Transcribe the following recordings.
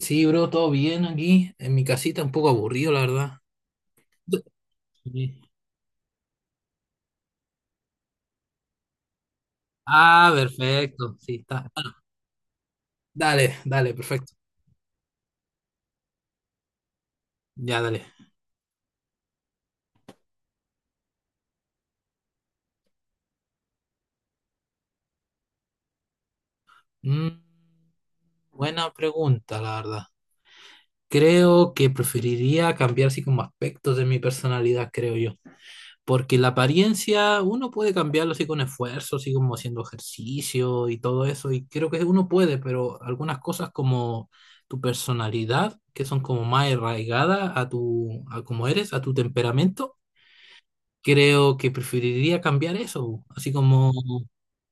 Sí, bro, todo bien aquí, en mi casita, un poco aburrido, la verdad. Sí. Ah, perfecto, sí, está. Dale, dale, perfecto. Ya, dale. Mm, buena pregunta, la verdad. Creo que preferiría cambiar así como aspectos de mi personalidad, creo yo. Porque la apariencia uno puede cambiarlo así con esfuerzo, así como haciendo ejercicio y todo eso, y creo que uno puede, pero algunas cosas como tu personalidad, que son como más arraigadas a tu, a cómo eres, a tu temperamento, creo que preferiría cambiar eso, así como.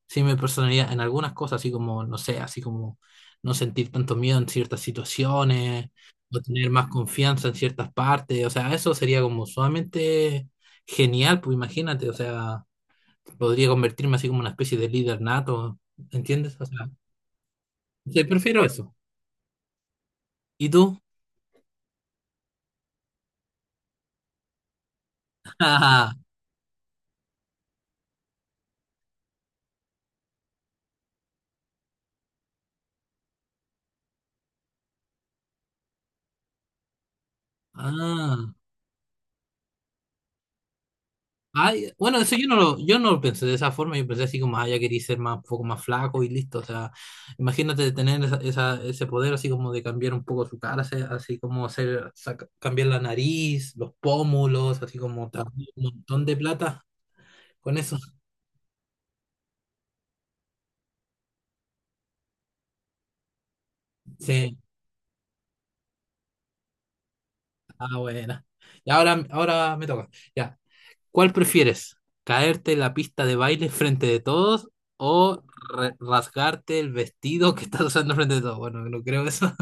Sí, mi personalidad en algunas cosas, así como, no sé, así como no sentir tanto miedo en ciertas situaciones o tener más confianza en ciertas partes. O sea, eso sería como sumamente genial, pues imagínate, o sea, podría convertirme así como una especie de líder nato, ¿entiendes? O sea, sí, prefiero eso. ¿Y tú? Ah. Ay, bueno, eso yo no lo pensé de esa forma, yo pensé así como, ah, ya quería ser más, un poco más flaco y listo, o sea, imagínate tener ese poder así como de cambiar un poco su cara, así, así como hacer, saca- cambiar la nariz, los pómulos, así como también un montón de plata con eso. Sí, ah, buena. Y ahora me toca, ya, ¿cuál prefieres? ¿Caerte en la pista de baile frente de todos o rasgarte el vestido que estás usando frente de todos? Bueno, no creo eso.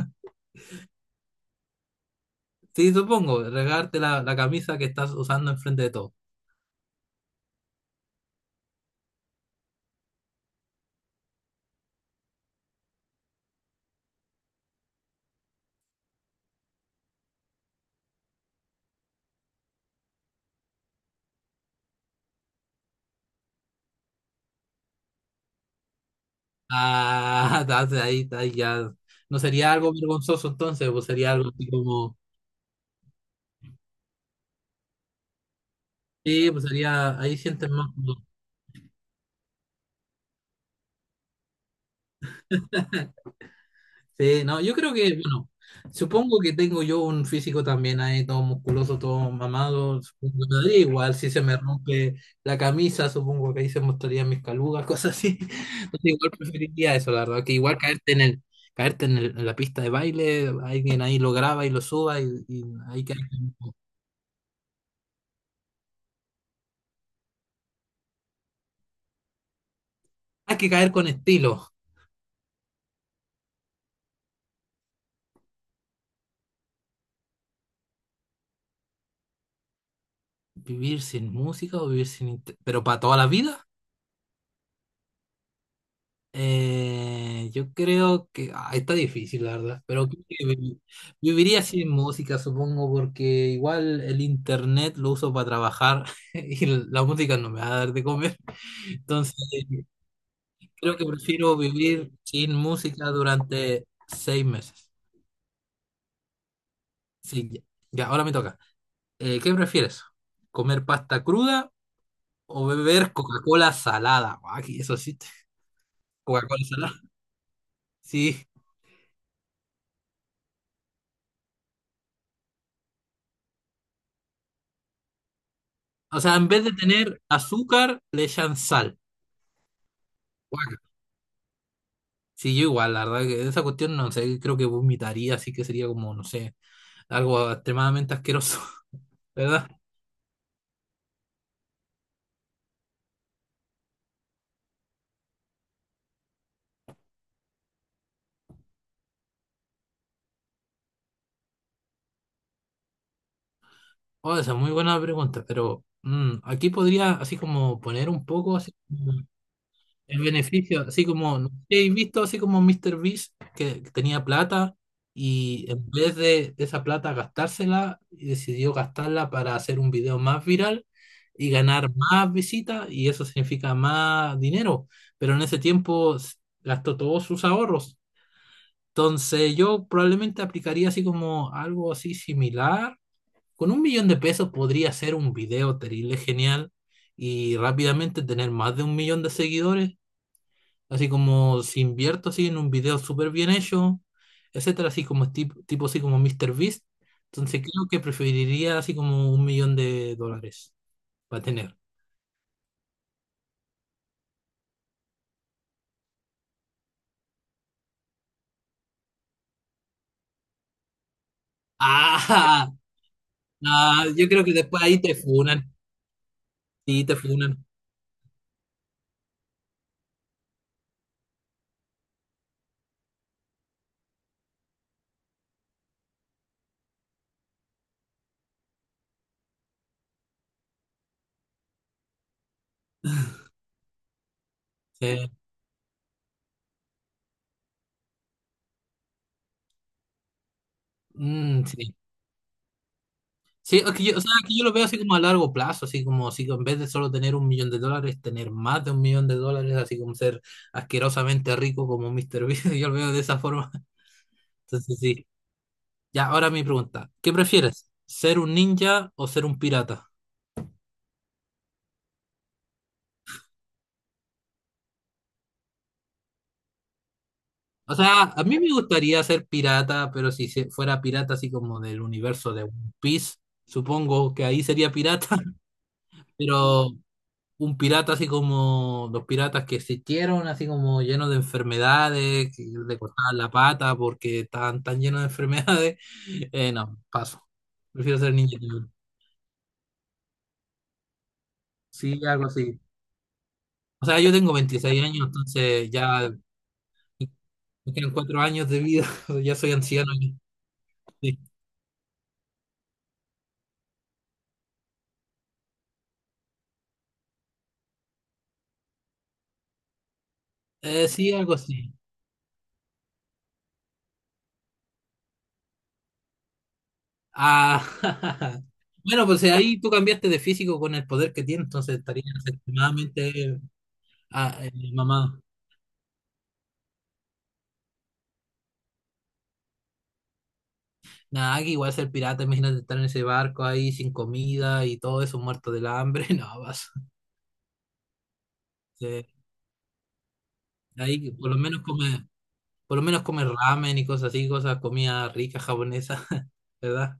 Sí, supongo, regarte la camisa que estás usando enfrente de todo. Ah, estás ahí ya. No sería algo vergonzoso entonces, pues sería algo así como. Sí, pues sería. Ahí sientes más. Sí, no, yo creo que, bueno, supongo que tengo yo un físico también ahí, todo musculoso, todo mamado, supongo que me daría igual, si se me rompe la camisa, supongo que ahí se mostrarían mis calugas, cosas así. Entonces, igual preferiría eso, la verdad, que igual caerte en, en la pista de baile, alguien ahí lo graba y lo suba y hay que, hay que caer con estilo. Vivir sin música o vivir sin... inte- Pero para toda la vida. Yo creo que ah, está difícil, la verdad, pero creo que viviría sin música, supongo, porque igual el internet lo uso para trabajar y la música no me va a dar de comer. Entonces, creo que prefiero vivir sin música durante 6 meses. Sí, ya, ahora me toca. ¿Qué prefieres? ¿Comer pasta cruda o beber Coca-Cola salada? Aquí, eso sí, Coca-Cola salada. Sí. O sea, en vez de tener azúcar, le echan sal. Guaca. Sí, yo igual, la verdad que esa cuestión no sé, creo que vomitaría, así que sería como, no sé, algo extremadamente asqueroso, ¿verdad? Oh, esa es muy buena pregunta, pero aquí podría así como poner un poco así. El beneficio, así como, no sé si habéis visto así como Mr. Beast, que tenía plata y en vez de esa plata gastársela, decidió gastarla para hacer un video más viral y ganar más visitas y eso significa más dinero. Pero en ese tiempo gastó todos sus ahorros. Entonces yo probablemente aplicaría así como algo así similar. Con 1 millón de pesos podría hacer un video terrible genial y rápidamente tener más de 1 millón de seguidores. Así como si invierto así en un video súper bien hecho, etcétera, así como tipo así como Mr. Beast. Entonces creo que preferiría así como 1 millón de dólares para tener. Ah, ah, yo creo que después ahí te funan, sí, te funan. Sí. Mm, sí. Sí, es que yo, o sea, que yo lo veo así como a largo plazo, así como si en vez de solo tener 1 millón de dólares, tener más de 1 millón de dólares, así como ser asquerosamente rico como Mr. Beast, yo lo veo de esa forma. Entonces sí. Ya, ahora mi pregunta. ¿Qué prefieres? ¿Ser un ninja o ser un pirata? O sea, a mí me gustaría ser pirata, pero si fuera pirata así como del universo de One Piece, supongo que ahí sería pirata, pero un pirata así como los piratas que existieron, así como llenos de enfermedades, que le cortaban la pata porque estaban tan llenos de enfermedades. No, paso. Prefiero ser ninja. Sí, algo así. O sea, yo tengo 26 años, entonces ya me quedan 4 años de vida, ya soy anciano. Ya. Sí, eh, sí, algo así. Ah, bueno, pues ahí tú cambiaste de físico con el poder que tiene, entonces estarías extremadamente ah, mamado. Nada, que igual ser pirata, imagínate estar en ese barco ahí sin comida y todo eso, muerto del hambre, no, vas. Sí, ahí por lo menos come, por lo menos come ramen y cosas así, cosas, comida rica japonesa, ¿verdad?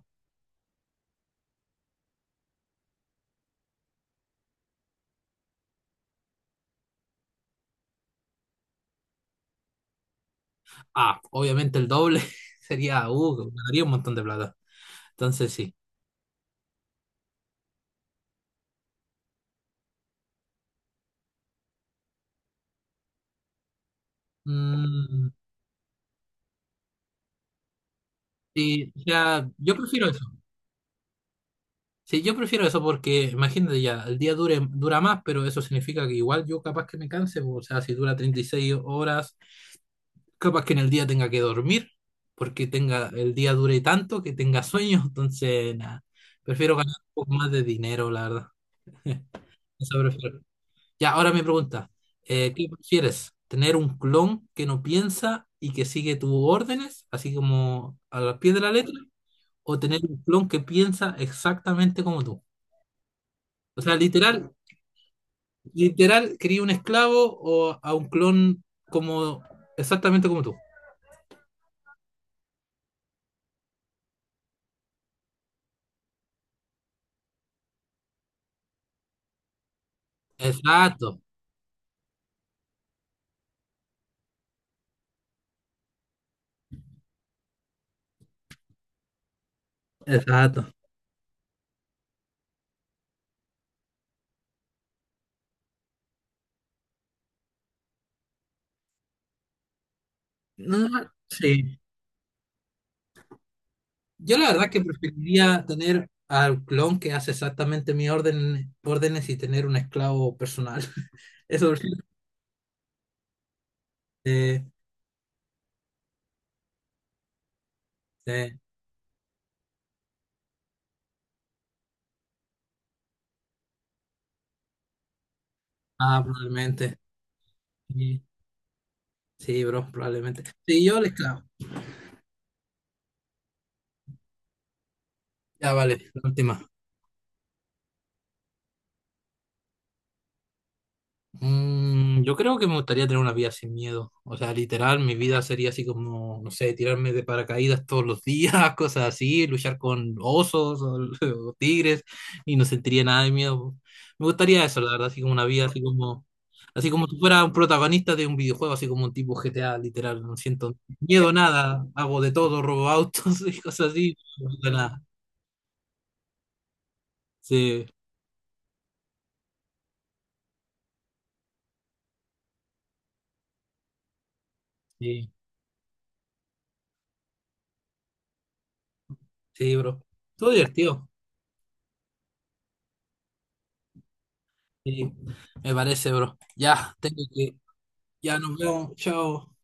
Ah, obviamente el doble sería, ganaría un montón de plata. Entonces sí. Mm, sí, o sea, yo prefiero eso. Sí, yo prefiero eso porque imagínate ya, dura más, pero eso significa que igual yo capaz que me canse, o sea, si dura 36 horas, capaz que en el día tenga que dormir, porque tenga, el día dure tanto que tenga sueño, entonces nada, prefiero ganar un poco más de dinero, la verdad. Eso prefiero. Ya, ahora me pregunta, ¿qué prefieres? ¿Tener un clon que no piensa y que sigue tus órdenes, así como a la pie de la letra? ¿O tener un clon que piensa exactamente como tú? O sea, literal, literal, quería un esclavo o a un clon como exactamente como tú. Exacto, exacto. No, sí. Yo la verdad que preferiría tener al clon que hace exactamente órdenes y tener un esclavo personal. Eso sí. Eh, eh, ah, probablemente. Sí, sí, bro, probablemente. Sí, yo el esclavo. Ya vale, la última. Mm, yo creo que me gustaría tener una vida sin miedo. O sea, literal, mi vida sería así como, no sé, tirarme de paracaídas todos los días, cosas así, luchar con osos o, o tigres y no sentiría nada de miedo. Me gustaría eso, la verdad, así como una vida así como si fuera un protagonista de un videojuego, así como un tipo GTA, literal. No siento miedo, nada, hago de todo, robo autos y cosas así. No siento nada. Sí, sí, sí, bro. Todo divertido. Sí, me parece, bro. Ya, tengo que. Ya nos vemos. Chao.